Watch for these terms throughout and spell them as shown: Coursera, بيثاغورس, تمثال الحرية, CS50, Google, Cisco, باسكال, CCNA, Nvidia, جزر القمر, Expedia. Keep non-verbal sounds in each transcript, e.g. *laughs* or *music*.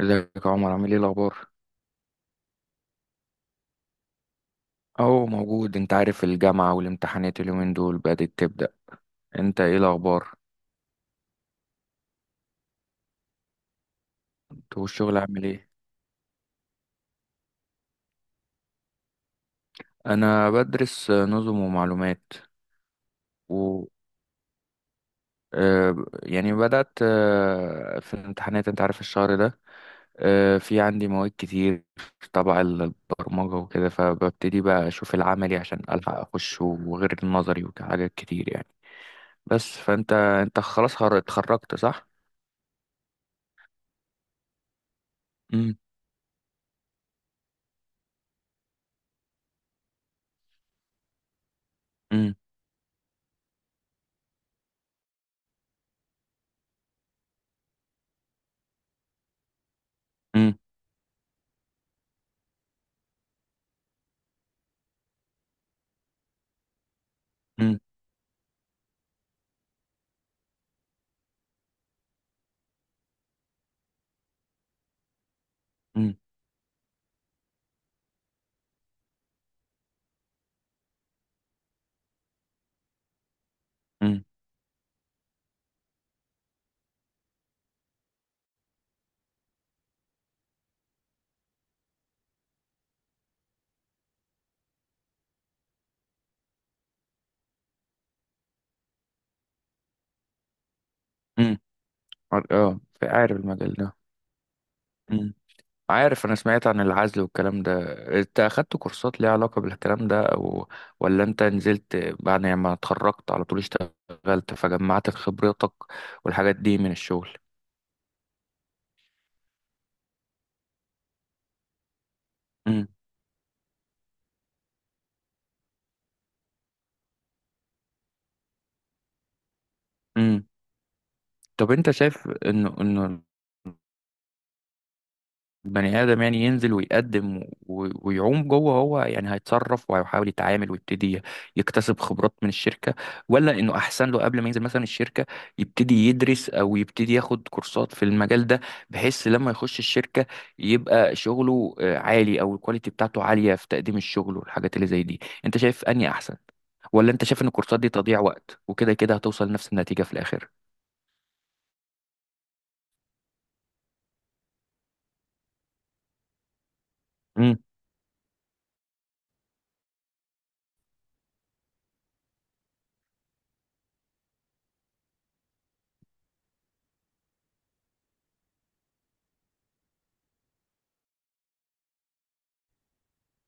ازيك يا عمر؟ عامل ايه الاخبار؟ اهو موجود، انت عارف الجامعه والامتحانات اليومين دول بدات تبدا. انت ايه الاخبار؟ انت والشغل عامل ايه؟ انا بدرس نظم ومعلومات. و آه، يعني بدات، في الامتحانات انت عارف الشهر ده. في عندي مواد كتير تبع البرمجه وكده، فببتدي بقى اشوف العملي عشان الحق اخش وغير النظري وحاجات كتير يعني. بس فانت انت خلاص اتخرجت صح؟ امم امم امم امم. امم امم. اه عارف المجال ده. امم. عارف انا سمعت عن العزل والكلام ده. انت اخدت كورسات ليها علاقة بالكلام ده، او ولا انت نزلت بعد ما اتخرجت على طول اشتغلت فجمعت خبرتك والحاجات دي من الشغل؟ امم. امم طب انت شايف انه بني آدم يعني ينزل ويقدم ويعوم جوه، هو يعني هيتصرف وهيحاول يتعامل ويبتدي يكتسب خبرات من الشركة، ولا إنه أحسن له قبل ما ينزل مثلا الشركة يبتدي يدرس أو يبتدي ياخد كورسات في المجال ده، بحيث لما يخش الشركة يبقى شغله عالي أو الكواليتي بتاعته عالية في تقديم الشغل والحاجات اللي زي دي؟ أنت شايف أنهي أحسن، ولا أنت شايف إن الكورسات دي تضييع وقت وكده كده هتوصل لنفس النتيجة في الآخر؟ امم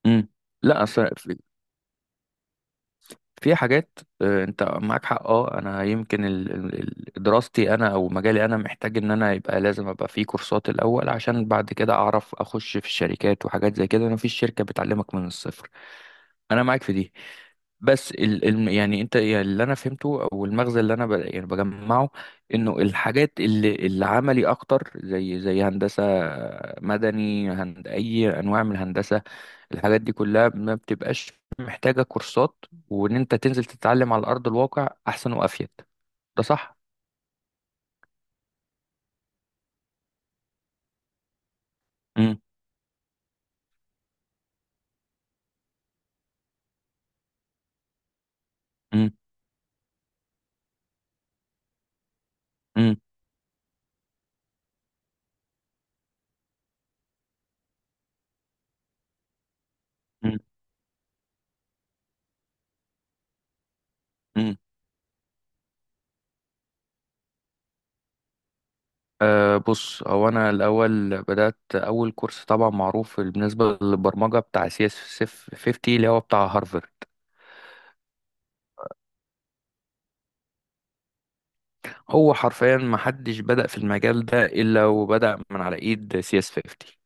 امم. لا أصلا في حاجات، انت معاك حق. اه انا يمكن دراستي انا او مجالي انا محتاج ان انا يبقى لازم ابقى في كورسات الاول عشان بعد كده اعرف اخش في الشركات وحاجات زي كده، انا في شركة بتعلمك من الصفر. انا معاك في دي. بس ال يعني انت يعني اللي انا فهمته او المغزى اللي انا ب يعني بجمعه، انه الحاجات اللي عملي اكتر زي هندسة مدني، هند اي انواع من الهندسة، الحاجات دي كلها ما بتبقاش محتاجة كورسات، وإن أنت تنزل تتعلم على أرض الواقع أحسن وأفيد. ده صح؟ مم. مم. مم. مم. مم. أه بص، هو أنا الأول بدأت أول كورس، طبعا معروف بالنسبة للبرمجة، بتاع سي اس 50 اللي هو بتاع هارفرد. هو حرفيا ما حدش بدأ في المجال ده إلا وبدأ من على إيد سي اس 50.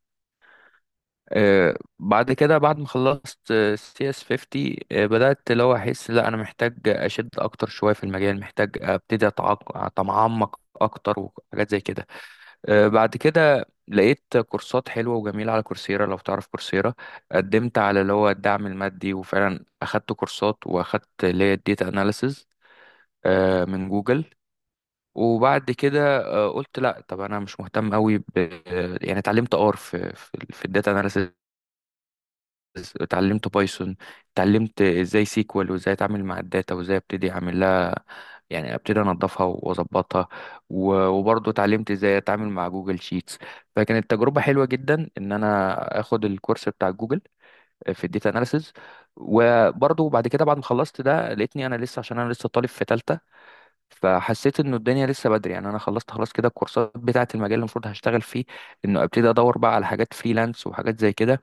بعد كده بعد ما خلصت سي اس 50، بدأت اللي هو احس لا انا محتاج اشد اكتر شوية في المجال، محتاج ابتدي اتعمق اكتر وحاجات زي كده. بعد كده لقيت كورسات حلوة وجميلة على كورسيرا، لو تعرف كورسيرا. قدمت على اللي هو الدعم المادي، وفعلا اخدت كورسات واخدت اللي هي الديتا اناليسز من جوجل. وبعد كده قلت لا طب انا مش مهتم قوي ب، يعني اتعلمت ار في الداتا، اتعلمت بايثون، اتعلمت ازاي سيكوال وازاي اتعامل مع الداتا وازاي ابتدي اعمل لها، يعني ابتدي انضفها واظبطها، وبرضه اتعلمت ازاي اتعامل مع جوجل شيتس. فكانت تجربة حلوة جدا ان انا اخد الكورس بتاع جوجل في الداتا اناليسز. وبرضه بعد كده بعد ما خلصت ده لقيتني انا لسه، عشان انا لسه طالب في تالتة، فحسيت انه الدنيا لسه بدري يعني. انا خلصت خلاص كده الكورسات بتاعه المجال اللي المفروض هشتغل فيه، انه ابتدي ادور بقى على حاجات فريلانس وحاجات زي كده.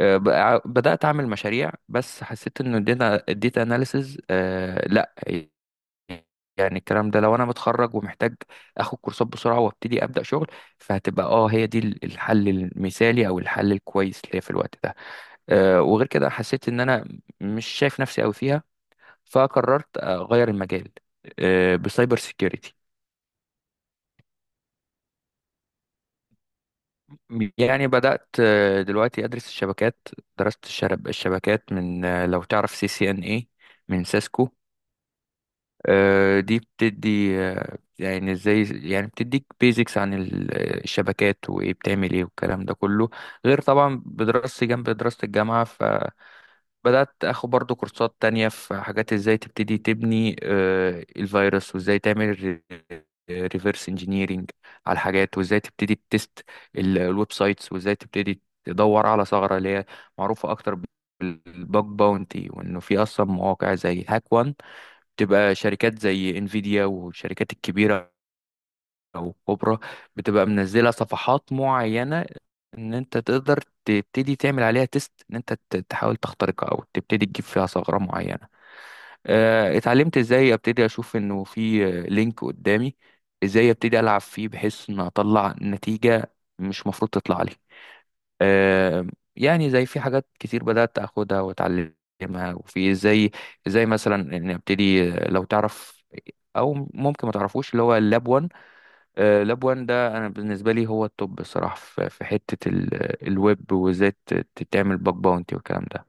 بدأت أعمل مشاريع، بس حسيت إن الداتا، أناليسز، لأ. يعني الكلام ده لو أنا متخرج ومحتاج آخد كورسات بسرعة وأبتدي أبدأ شغل، فهتبقى أه هي دي الحل المثالي أو الحل الكويس ليا في الوقت ده. وغير كده حسيت إن أنا مش شايف نفسي أوي فيها، فقررت أغير المجال، بسايبر سيكيورتي. يعني بدأت دلوقتي أدرس الشبكات. درست الشبكات من، لو تعرف سي سي إن إيه، من سيسكو. دي بتدي يعني ازاي، يعني بتديك بيزكس عن الشبكات وايه بتعمل ايه والكلام ده كله، غير طبعا بدراستي جنب دراسة الجامعة. فبدأت اخد برضو كورسات تانية في حاجات ازاي تبتدي تبني الفيروس، وازاي تعمل ريفرس انجينيرينج على الحاجات، وازاي تبتدي تست الويب سايتس، وازاي تبتدي تدور على ثغرة اللي هي معروفة اكتر بالباج باونتي، وانه في اصلا مواقع زي هاك تبقى شركات زي انفيديا والشركات الكبيرة او الكبرى بتبقى منزلة صفحات معينة ان انت تقدر تبتدي تعمل عليها تيست، ان انت تحاول تخترقها او تبتدي تجيب فيها ثغرة معينة. اتعلمت ازاي ابتدي اشوف انه في لينك قدامي، ازاي ابتدي العب فيه بحيث ان اطلع نتيجة مش مفروض تطلع لي. آم، يعني زي في حاجات كتير بدأت أخدها وأتعلمها، وفي زي مثلا إن أبتدي، لو تعرف أو ممكن ما تعرفوش اللي هو اللاب 1. لاب 1 ده أنا بالنسبة لي هو التوب بصراحة في في حتة الويب، وإزاي تعمل باك باونتي والكلام ده.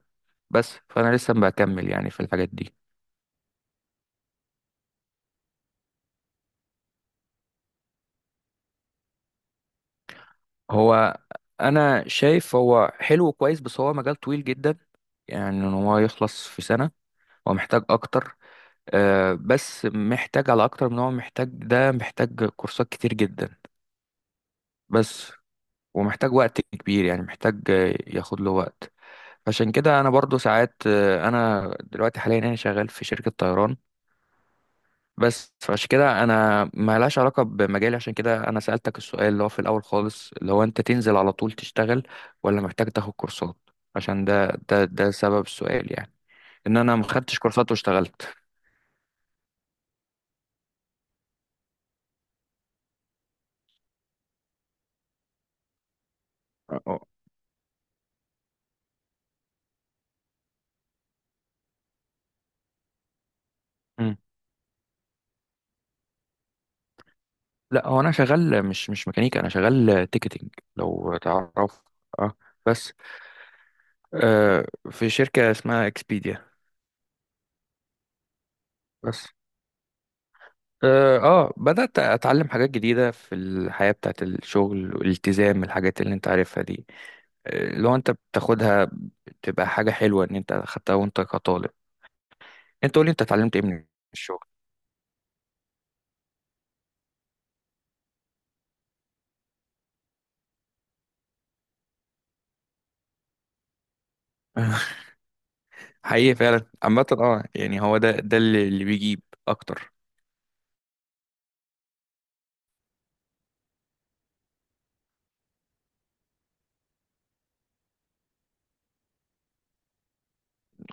بس فأنا لسه بكمل يعني في الحاجات دي. هو أنا شايف هو حلو وكويس، بس هو مجال طويل جدا. يعني إن هو يخلص في سنة، هو محتاج أكتر. بس محتاج على اكتر من، هو محتاج، ده محتاج كورسات كتير جدا، بس. ومحتاج وقت كبير يعني، محتاج ياخد له وقت. عشان كده انا برضو ساعات، انا دلوقتي حاليا انا شغال في شركة طيران بس، فعشان كده انا ما لهاش علاقة بمجالي. عشان كده انا سألتك السؤال اللي هو في الاول خالص، اللي هو انت تنزل على طول تشتغل ولا محتاج تاخد كورسات؟ عشان ده ده سبب السؤال يعني، ان انا ما خدتش كورسات واشتغلت. اه. لا هو انا شغال مش ميكانيكا، انا شغال تيكتنج، لو تعرف. اه. بس في شركة اسمها اكسبيديا، بس. اه، بدأت اتعلم حاجات جديدة في الحياة بتاعت الشغل والالتزام، الحاجات اللي انت عارفها دي. لو انت بتاخدها بتبقى حاجة حلوة ان انت خدتها وانت كطالب. انت قولي انت اتعلمت ايه من الشغل؟ *laughs* حقيقي فعلا عامة، اه يعني هو ده اللي بيجيب اكتر.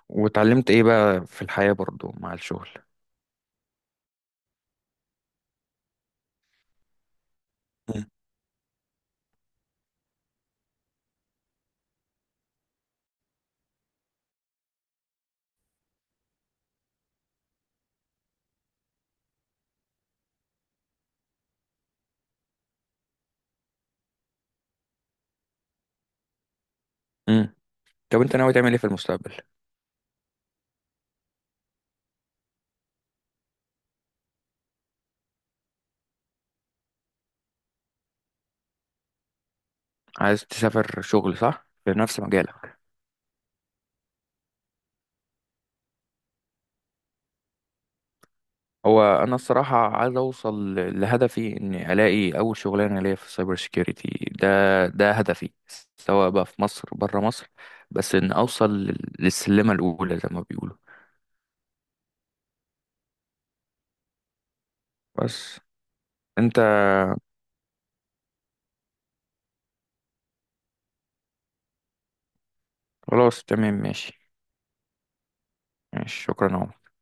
واتعلمت ايه بقى في الحياة برضو مع الشغل؟ مم. طب انت ناوي تعمل ايه في المستقبل؟ عايز تسافر شغل صح في نفس مجالك؟ هو انا الصراحه عايز اوصل لهدفي، اني الاقي اول شغلانه ليا في السايبر سيكيورتي. ده ده هدفي، سواء بقى في مصر بره مصر، بس ان اوصل للسلمه الاولى زي ما بيقولوا، بس. انت خلاص، تمام، ماشي. ماشي، شكرا يا عمر.